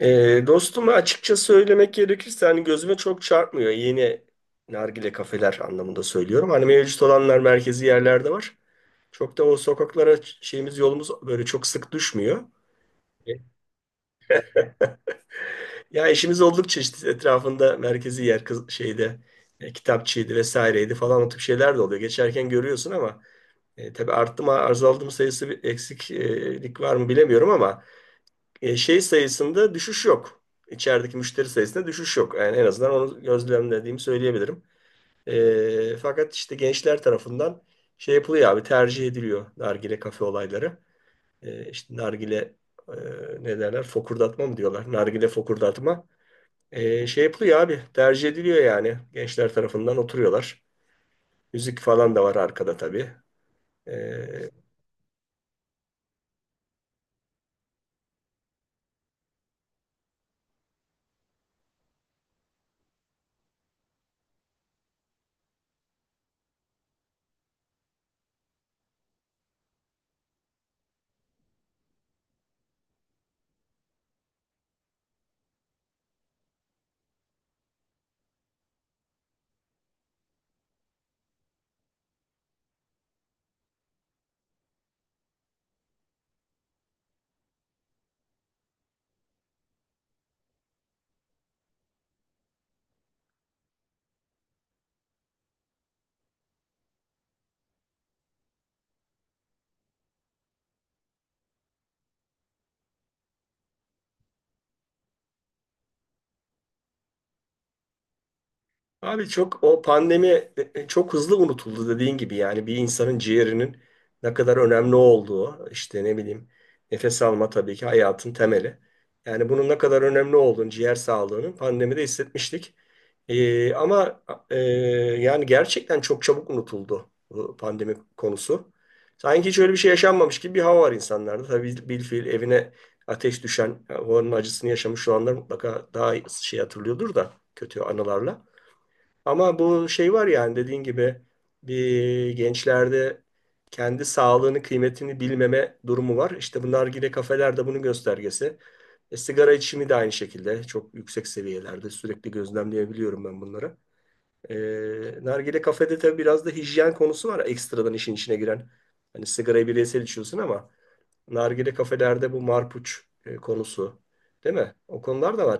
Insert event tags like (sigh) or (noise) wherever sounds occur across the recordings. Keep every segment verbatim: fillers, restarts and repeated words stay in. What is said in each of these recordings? E, dostum açıkça söylemek gerekirse hani gözüme çok çarpmıyor. Yeni nargile kafeler anlamında söylüyorum. Hani mevcut olanlar merkezi yerlerde var. Çok da o sokaklara şeyimiz yolumuz böyle çok sık düşmüyor. Ya işimiz oldukça işte etrafında merkezi yer kız- şeyde e, kitapçıydı vesaireydi falan o tip şeyler de oluyor. Geçerken görüyorsun ama e, tabii arttı mı azaldı mı sayısı bir eksiklik var mı bilemiyorum ama E, şey sayısında düşüş yok. İçerideki müşteri sayısında düşüş yok. Yani en azından onu gözlemlediğimi söyleyebilirim. E, fakat işte gençler tarafından şey yapılıyor abi, tercih ediliyor nargile kafe olayları. E, işte nargile e, Ne derler, fokurdatma mı diyorlar? Nargile fokurdatma. E, şey yapılıyor abi, tercih ediliyor yani. Gençler tarafından oturuyorlar. Müzik falan da var arkada tabii. E, Abi çok o pandemi e, e, çok hızlı unutuldu dediğin gibi. Yani bir insanın ciğerinin ne kadar önemli olduğu, işte ne bileyim, nefes alma tabii ki hayatın temeli. Yani bunun ne kadar önemli olduğunu, ciğer sağlığının, pandemide hissetmiştik. E, ama e, Yani gerçekten çok çabuk unutuldu bu pandemi konusu. Sanki hiç öyle bir şey yaşanmamış gibi bir hava var insanlarda. Tabii bilfiil evine ateş düşen, onun acısını yaşamış olanlar mutlaka daha şey hatırlıyordur, da kötü anılarla. Ama bu şey var yani, dediğin gibi bir gençlerde kendi sağlığını, kıymetini bilmeme durumu var. İşte bu nargile kafeler de bunun göstergesi. E, sigara içimi de aynı şekilde çok yüksek seviyelerde, sürekli gözlemleyebiliyorum ben bunları. E, Nargile kafede tabii biraz da hijyen konusu var, ekstradan işin içine giren. Hani sigarayı bireysel içiyorsun ama nargile kafelerde bu marpuç e, konusu, değil mi? O konular da var.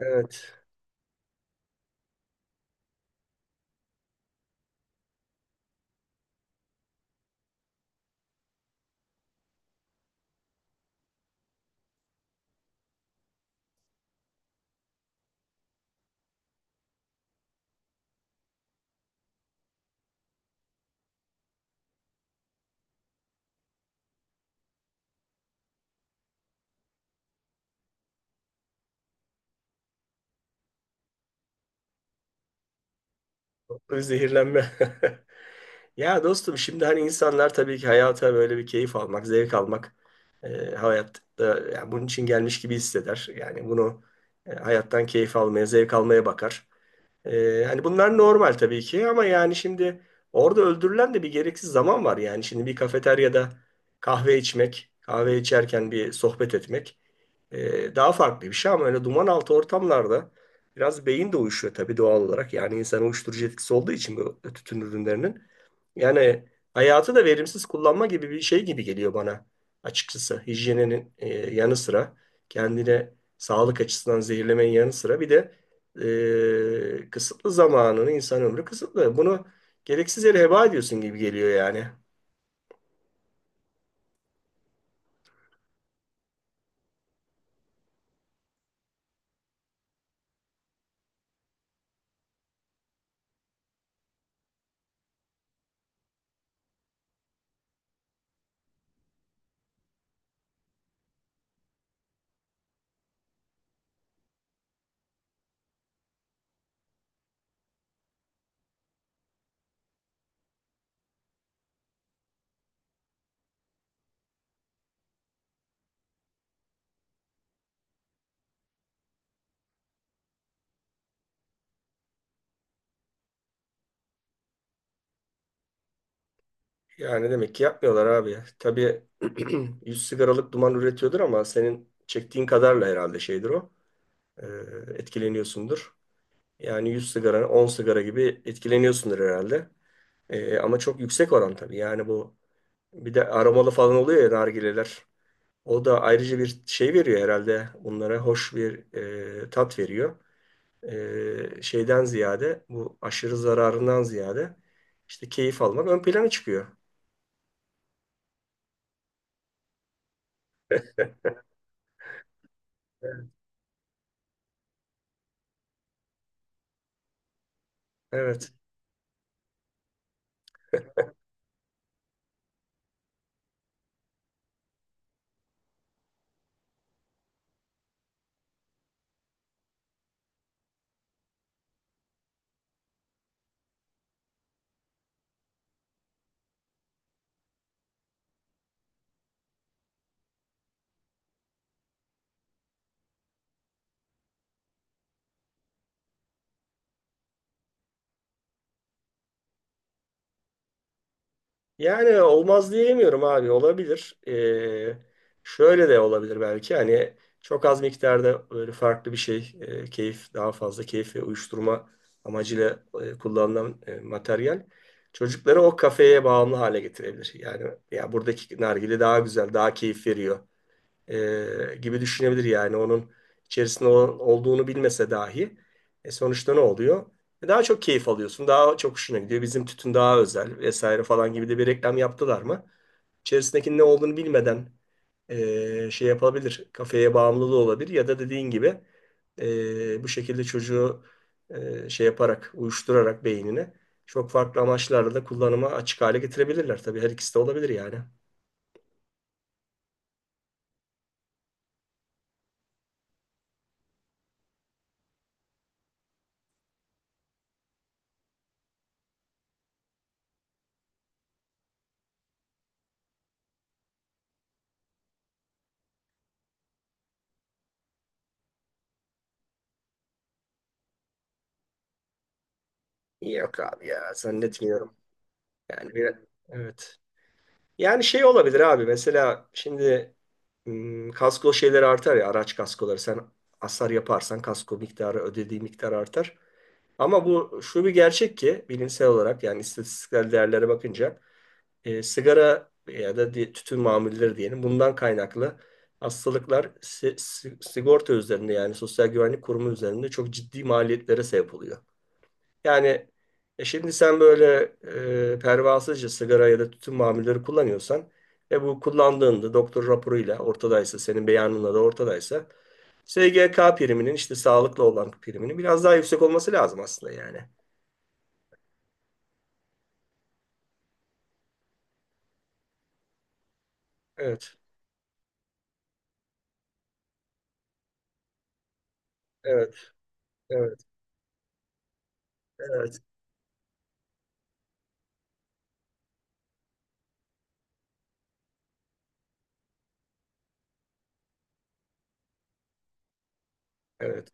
Evet. Zehirlenme. (laughs) Ya dostum, şimdi hani insanlar tabii ki hayata böyle bir keyif almak, zevk almak e, hayatta, yani bunun için gelmiş gibi hisseder. Yani bunu e, hayattan keyif almaya, zevk almaya bakar. E, hani bunlar normal tabii ki, ama yani şimdi orada öldürülen de bir gereksiz zaman var. Yani şimdi bir kafeteryada kahve içmek, kahve içerken bir sohbet etmek e, daha farklı bir şey, ama öyle duman altı ortamlarda biraz beyin de uyuşuyor tabii, doğal olarak. Yani insan, uyuşturucu etkisi olduğu için bu tütün ürünlerinin. Yani hayatı da verimsiz kullanma gibi bir şey gibi geliyor bana açıkçası. Hijyeninin e, yanı sıra, kendine sağlık açısından zehirlemenin yanı sıra, bir de e, kısıtlı zamanını, insan ömrü kısıtlı. Bunu gereksiz yere heba ediyorsun gibi geliyor yani. Yani demek ki yapmıyorlar abi. Tabii (clears throat) yüz sigaralık duman üretiyordur, ama senin çektiğin kadarla herhalde şeydir o. E, Etkileniyorsundur. Yani yüz sigara, on sigara gibi etkileniyorsundur herhalde. Ee, ama çok yüksek oran tabii. Yani bu, bir de aromalı falan oluyor ya nargileler. O da ayrıca bir şey veriyor herhalde. Bunlara hoş bir e, tat veriyor. Ee, şeyden ziyade, bu aşırı zararından ziyade işte keyif almak ön plana çıkıyor. Evet. Yani olmaz diyemiyorum abi, olabilir. Ee, şöyle de olabilir belki, hani çok az miktarda böyle farklı bir şey, e, keyif, daha fazla keyif ve uyuşturma amacıyla e, kullanılan e, materyal, çocukları o kafeye bağımlı hale getirebilir. Yani ya buradaki nargile daha güzel, daha keyif veriyor e, gibi düşünebilir yani, onun içerisinde olan- olduğunu bilmese dahi e, sonuçta ne oluyor? E, Daha çok keyif alıyorsun, daha çok hoşuna gidiyor. Bizim tütün daha özel vesaire falan gibi de bir reklam yaptılar mı? İçerisindeki ne olduğunu bilmeden e, şey yapabilir, kafeye bağımlılığı olabilir, ya da dediğin gibi e, bu şekilde çocuğu e, şey yaparak, uyuşturarak beynini çok farklı amaçlarla da kullanıma açık hale getirebilirler. Tabii her ikisi de olabilir yani. Yok abi ya, zannetmiyorum. Yani bir, evet. Yani şey olabilir abi, mesela şimdi hmm, kasko şeyleri artar ya, araç kaskoları, sen hasar yaparsan kasko miktarı, ödediği miktar artar. Ama bu şu bir gerçek ki, bilimsel olarak yani istatistiksel değerlere bakınca e, sigara ya da di- tütün mamulleri diyelim, bundan kaynaklı hastalıklar si- si- sigorta üzerinde, yani Sosyal Güvenlik Kurumu üzerinde çok ciddi maliyetlere sebep oluyor. Yani e şimdi sen böyle e, pervasızca sigara ya da tütün mamulleri kullanıyorsan ve bu kullandığında doktor raporuyla ortadaysa, senin beyanınla da ortadaysa S G K priminin, işte sağlıklı olan priminin biraz daha yüksek olması lazım aslında yani. Evet, evet, evet, evet, evet.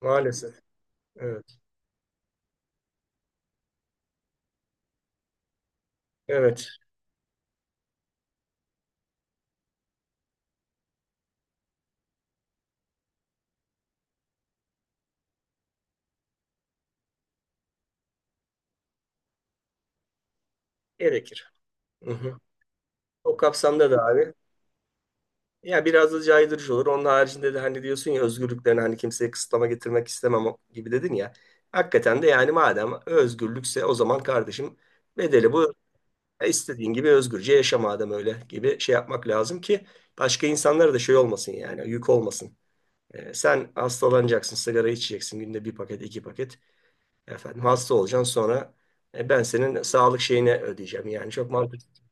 Maalesef. Evet, evet. Gerekir. Hı hı. O kapsamda da abi, ya biraz da caydırıcı olur. Onun haricinde de hani diyorsun ya, özgürlüklerini hani kimseye kısıtlama getirmek istemem o- gibi dedin ya. Hakikaten de yani, madem özgürlükse, o zaman kardeşim bedeli bu. E, istediğin gibi özgürce yaşa madem, öyle gibi şey yapmak lazım ki başka insanlara da şey olmasın, yani yük olmasın. E, sen hastalanacaksın, sigara içeceksin günde bir paket, iki paket. Efendim hasta olacaksın, sonra e, ben senin sağlık şeyini ödeyeceğim. Yani çok mantıklı.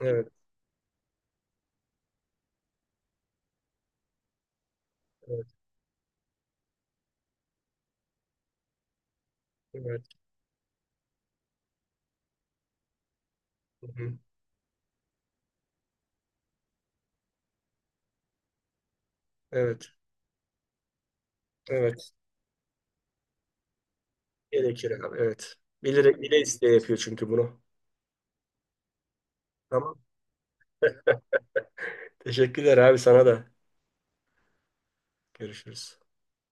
Evet, evet, evet. Hı hı. Evet, evet. Gerekir abi, evet. Bilerek, bile isteye yapıyor çünkü bunu. Tamam. Teşekkürler abi, sana da. Görüşürüz.